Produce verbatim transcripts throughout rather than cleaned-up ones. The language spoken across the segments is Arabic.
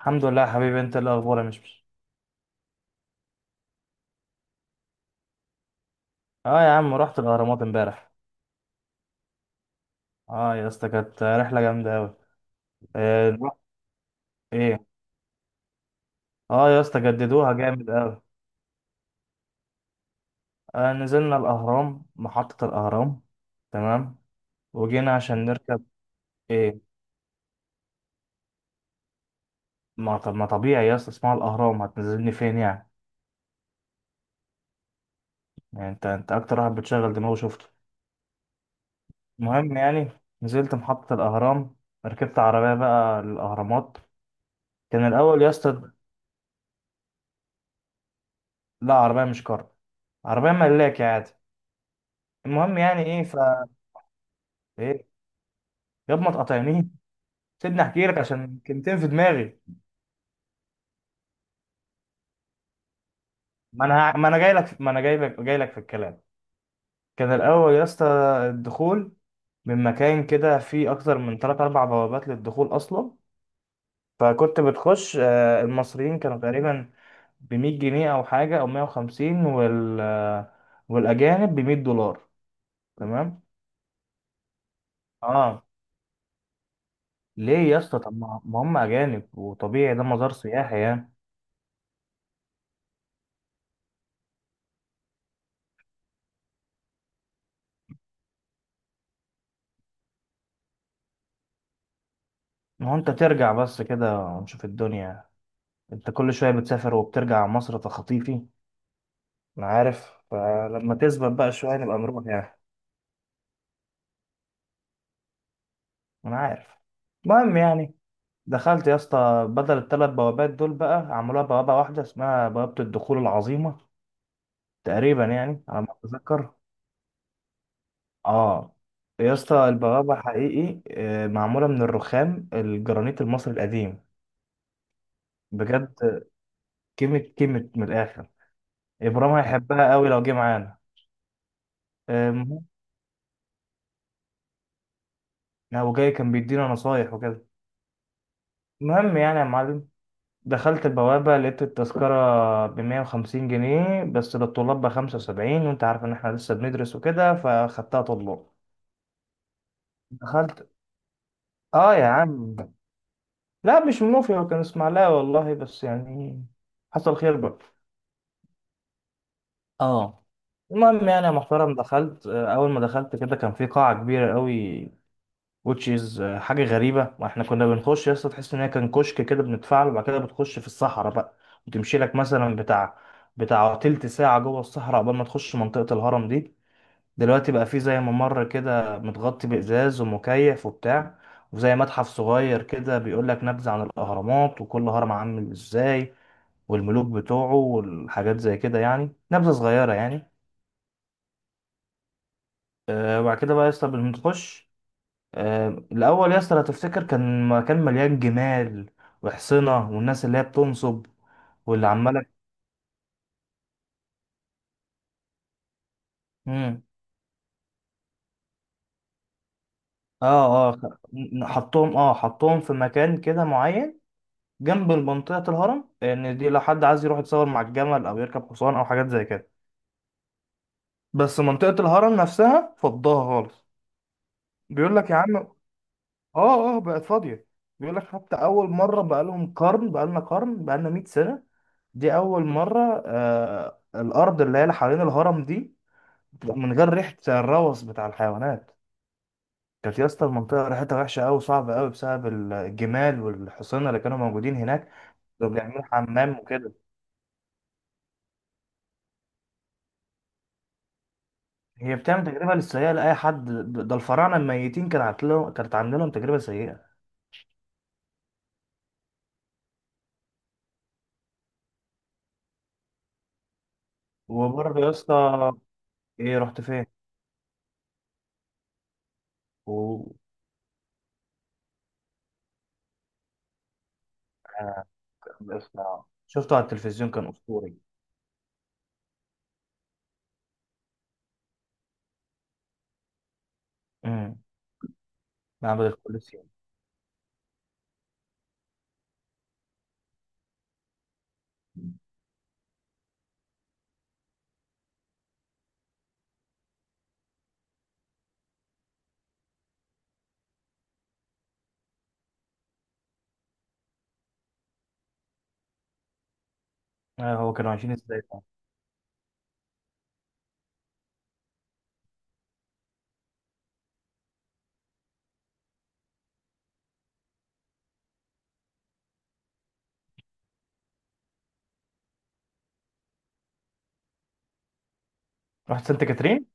الحمد لله يا حبيبي، انت ايه الاخبار يا مشمش؟ اه يا عم، رحت الاهرامات امبارح. اه يا اسطى، كانت رحله جامده قوي. آه نروح- ايه. اه يا اسطى، جددوها جامد قوي. آه، نزلنا الاهرام، محطه الاهرام. تمام. وجينا عشان نركب. ايه. ما طب ما طبيعي يا اسطى، اسمها الاهرام، هتنزلني فين يعني؟ يعني انت انت اكتر واحد بتشغل دماغه شفته. المهم يعني، نزلت محطه الاهرام، ركبت عربيه بقى للاهرامات. كان الاول يا اسطى، لا عربيه مش كار، عربيه ملاكي عادي. المهم يعني ايه، ف ايه. ياب ما تقاطعنيش. سيبني احكي لك عشان كلمتين في دماغي. ما انا ه- ما انا جاي لك ما انا جاي لك جاي لك في الكلام. كان الاول يا اسطى، الدخول من مكان كده، فيه اكتر من تلاتة اربعة بوابات للدخول اصلا. فكنت بتخش، آه، المصريين كانوا تقريبا ب مية جنيه او حاجه، او مية وخمسين، وال آه، والاجانب ب مية دولار. تمام. اه، ليه يا اسطى؟ طب ما ما هم اجانب وطبيعي، ده مزار سياحي يعني. ما هو انت ترجع بس كده ونشوف الدنيا. انت كل شوية بتسافر وبترجع مصر تخطيفي. انا عارف، فلما تثبت بقى شوية نبقى نروح يعني. انا عارف. المهم يعني، دخلت يا اسطى، بدل الثلاث بوابات دول بقى عملوها بوابة واحدة، اسمها بوابة الدخول العظيمة، تقريبا يعني على ما اتذكر. اه يا اسطى، البوابة حقيقي آه، معمولة من الرخام الجرانيت المصري القديم. بجد، كيمة كيمة من الآخر. إبراهيم هيحبها قوي لو جه معانا. لا، وجاي كان بيدينا نصايح وكده. المهم يعني يا معلم، دخلت البوابة، لقيت التذكرة بمية وخمسين جنيه، بس للطلاب بخمسة وسبعين، وانت عارف ان احنا لسه بندرس وكده، فخدتها طلاب. دخلت. اه يا عم، لا مش منوفي، هو كان اسماعيلاوي والله، بس يعني حصل خير بقى. اه. المهم يعني يا محترم، دخلت. آه، اول ما دخلت كده، كان في قاعة كبيرة قوي، which is آه، حاجة غريبة. واحنا كنا بنخش يا اسطى، تحس ان هي كان كشك كده بندفع له، وبعد كده بتخش في الصحراء بقى، وتمشي لك مثلا بتاع بتاع تلت ساعة جوه الصحراء، قبل ما تخش منطقة الهرم دي. دلوقتي بقى فيه زي ممر كده، متغطي بإزاز ومكيف وبتاع، وزي متحف صغير كده، بيقول لك نبذة عن الأهرامات، وكل هرم عامل ازاي، والملوك بتوعه، والحاجات زي كده يعني، نبذة صغيرة يعني. آه، وبعد كده بقى يا اسطى بنخش. آه، الأول يا اسطى لو تفتكر، كان مكان مليان جمال وحصنة، والناس اللي هي بتنصب واللي عمالة. مم. اه اه خ- م- حطهم اه حطهم في مكان كده معين جنب منطقة الهرم يعني، دي لو حد عايز يروح يتصور مع الجمل، أو يركب حصان، أو حاجات زي كده. بس منطقة الهرم نفسها فضاها خالص. بيقول لك يا عم اه، اه بقت فاضية. بيقول لك حتى أول مرة بقالهم قرن، بقالنا قرن، بقالنا مئة سنة، دي أول مرة آه الأرض اللي هي اللي حوالين الهرم دي، من غير ريحة الروث بتاع الحيوانات. كانت يا اسطى المنطقة ريحتها وحشة أوي، صعبة أوي، بسبب الجمال والحصينة اللي كانوا موجودين هناك. كانوا بيعملوا حمام وكده. هي بتعمل تجربة للسيئة لأي حد. ده الفراعنة الميتين كانت عاملة لهم كانت عاملة لهم تجربة سيئة. وبرضه يا اسطى، إيه رحت فين؟ و آه، يا اسطى، شفته على التلفزيون، كان أسطوري. امم. معبد الكوليسيوم. آه هو كانوا عايشين ازاي بقى؟ رحت سانت كاترين؟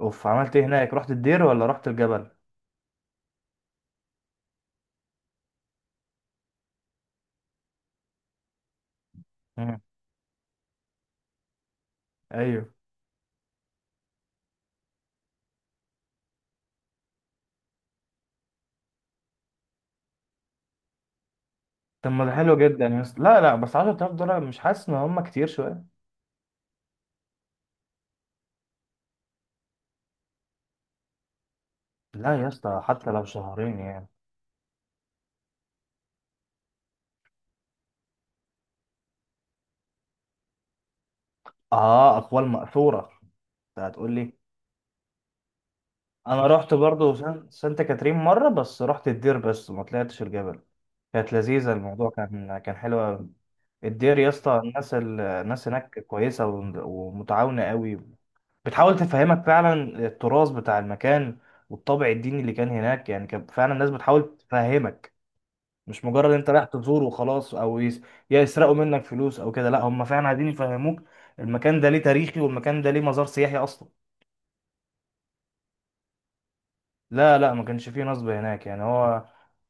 اوف، عملت ايه هناك؟ رحت الدير ولا رحت الجبل؟ امم. ايوه. طب ما ده حلو جدا يا اسطى، لا لا بس عشرة آلاف دولار مش حاسس ان هم كتير شويه. لا يا اسطى، حتى لو شهرين يعني. اه، اقوال مأثوره. انت هتقول لي. انا رحت برضو سان- سانت كاترين مره، بس رحت الدير بس ما طلعتش الجبل. كانت لذيذه، الموضوع كان كان حلو قوي. الدير يا اسطى، الناس ال- الناس هناك كويسه وم- ومتعاونه قوي. بتحاول تفهمك فعلا التراث بتاع المكان والطابع الديني اللي كان هناك، يعني كان فعلا الناس بتحاول تفهمك. مش مجرد انت رايح تزور وخلاص، او يس... يا يسرقوا منك فلوس او كده، لا، هم فعلا عايزين يفهموك المكان ده ليه تاريخي، والمكان ده ليه مزار سياحي اصلا. لا لا، ما كانش فيه نصب هناك يعني. هو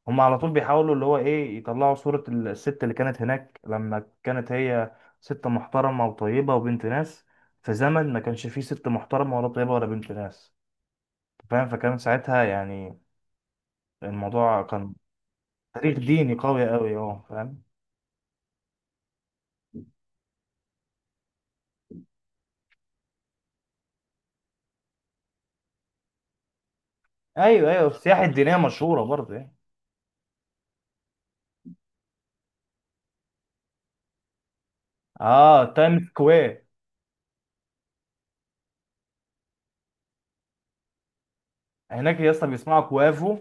هم على طول بيحاولوا اللي هو ايه، يطلعوا صورة ال- الست اللي كانت هناك، لما كانت هي ست محترمة وطيبة وبنت ناس، في زمن ما كانش فيه ست محترمة ولا طيبة ولا بنت ناس. فاهم، فكان ساعتها يعني الموضوع كان تاريخ ديني قوي قوي. اه فاهم. ايوه ايوه، السياحة الدينية مشهورة برضه يعني. اه، تايم سكوير. هناك يا اسطى بيسمعوا كوافو.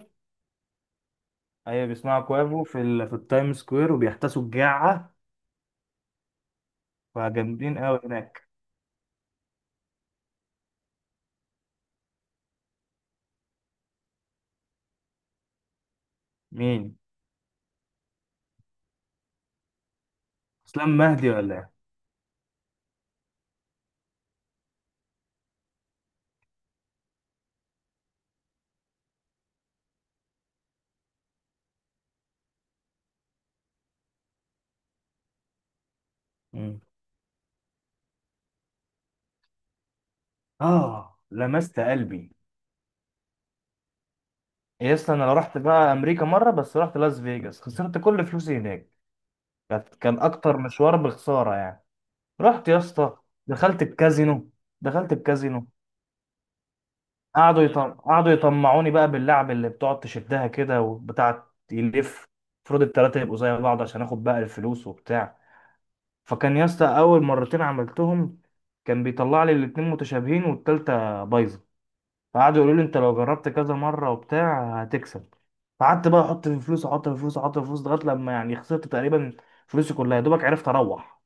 ايوه، بيسمعوا كوافو في ال... في التايم سكوير، وبيحتسوا الجعه. فجامدين قوي هناك. مين؟ اسلام مهدي ولا ايه؟ مم. اه، لمست قلبي. يا اسطى، انا رحت بقى امريكا مره، بس رحت لاس فيجاس، خسرت كل فلوسي هناك. كانت- كان اكتر مشوار بخساره يعني. رحت يا اسطى. دخلت الكازينو دخلت الكازينو قعدوا يطم... قعدوا يطمعوني بقى باللعب اللي بتقعد تشدها كده وبتاع يلف. المفروض التلاتة يبقوا زي بعض عشان اخد بقى الفلوس وبتاع. فكان يا اسطى اول مرتين عملتهم، كان بيطلع لي الاتنين متشابهين والتالتة بايظة. فقعدوا يقولوا لي انت لو جربت كذا مرة وبتاع هتكسب، فقعدت بقى احط في فلوس، احط في فلوس، احط في فلوس، لغاية لما يعني خسرت تقريبا فلوسي كلها، يا دوبك عرفت اروح.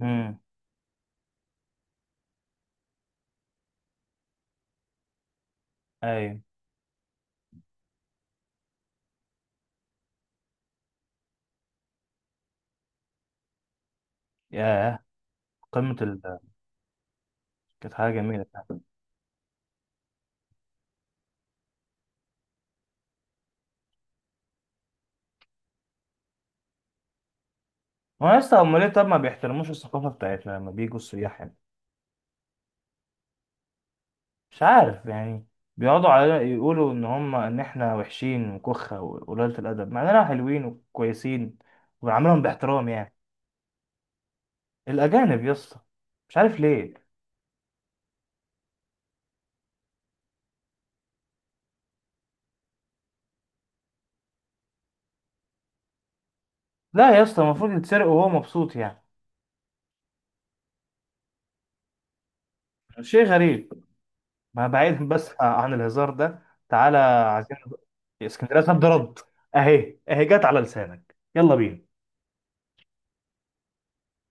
امم. ايوه. ياه. قمة ال، كانت حاجة جميلة. هو يا اسطى، امال ليه طب ما بيحترموش الثقافه بتاعتنا لما بيجوا السياح هنا؟ مش عارف يعني، بيقعدوا علينا يقولوا ان هم، ان احنا وحشين وكخه وقليله الادب، مع اننا حلوين وكويسين وبنعاملهم باحترام يعني. الاجانب يا اسطى، مش عارف ليه. لا يا اسطى، المفروض يتسرق وهو مبسوط يعني، شيء غريب. ما بعيد بس عن الهزار ده. تعالى عايزين. اسكندريه صد رد. اهي اهي جت على لسانك، يلا بينا.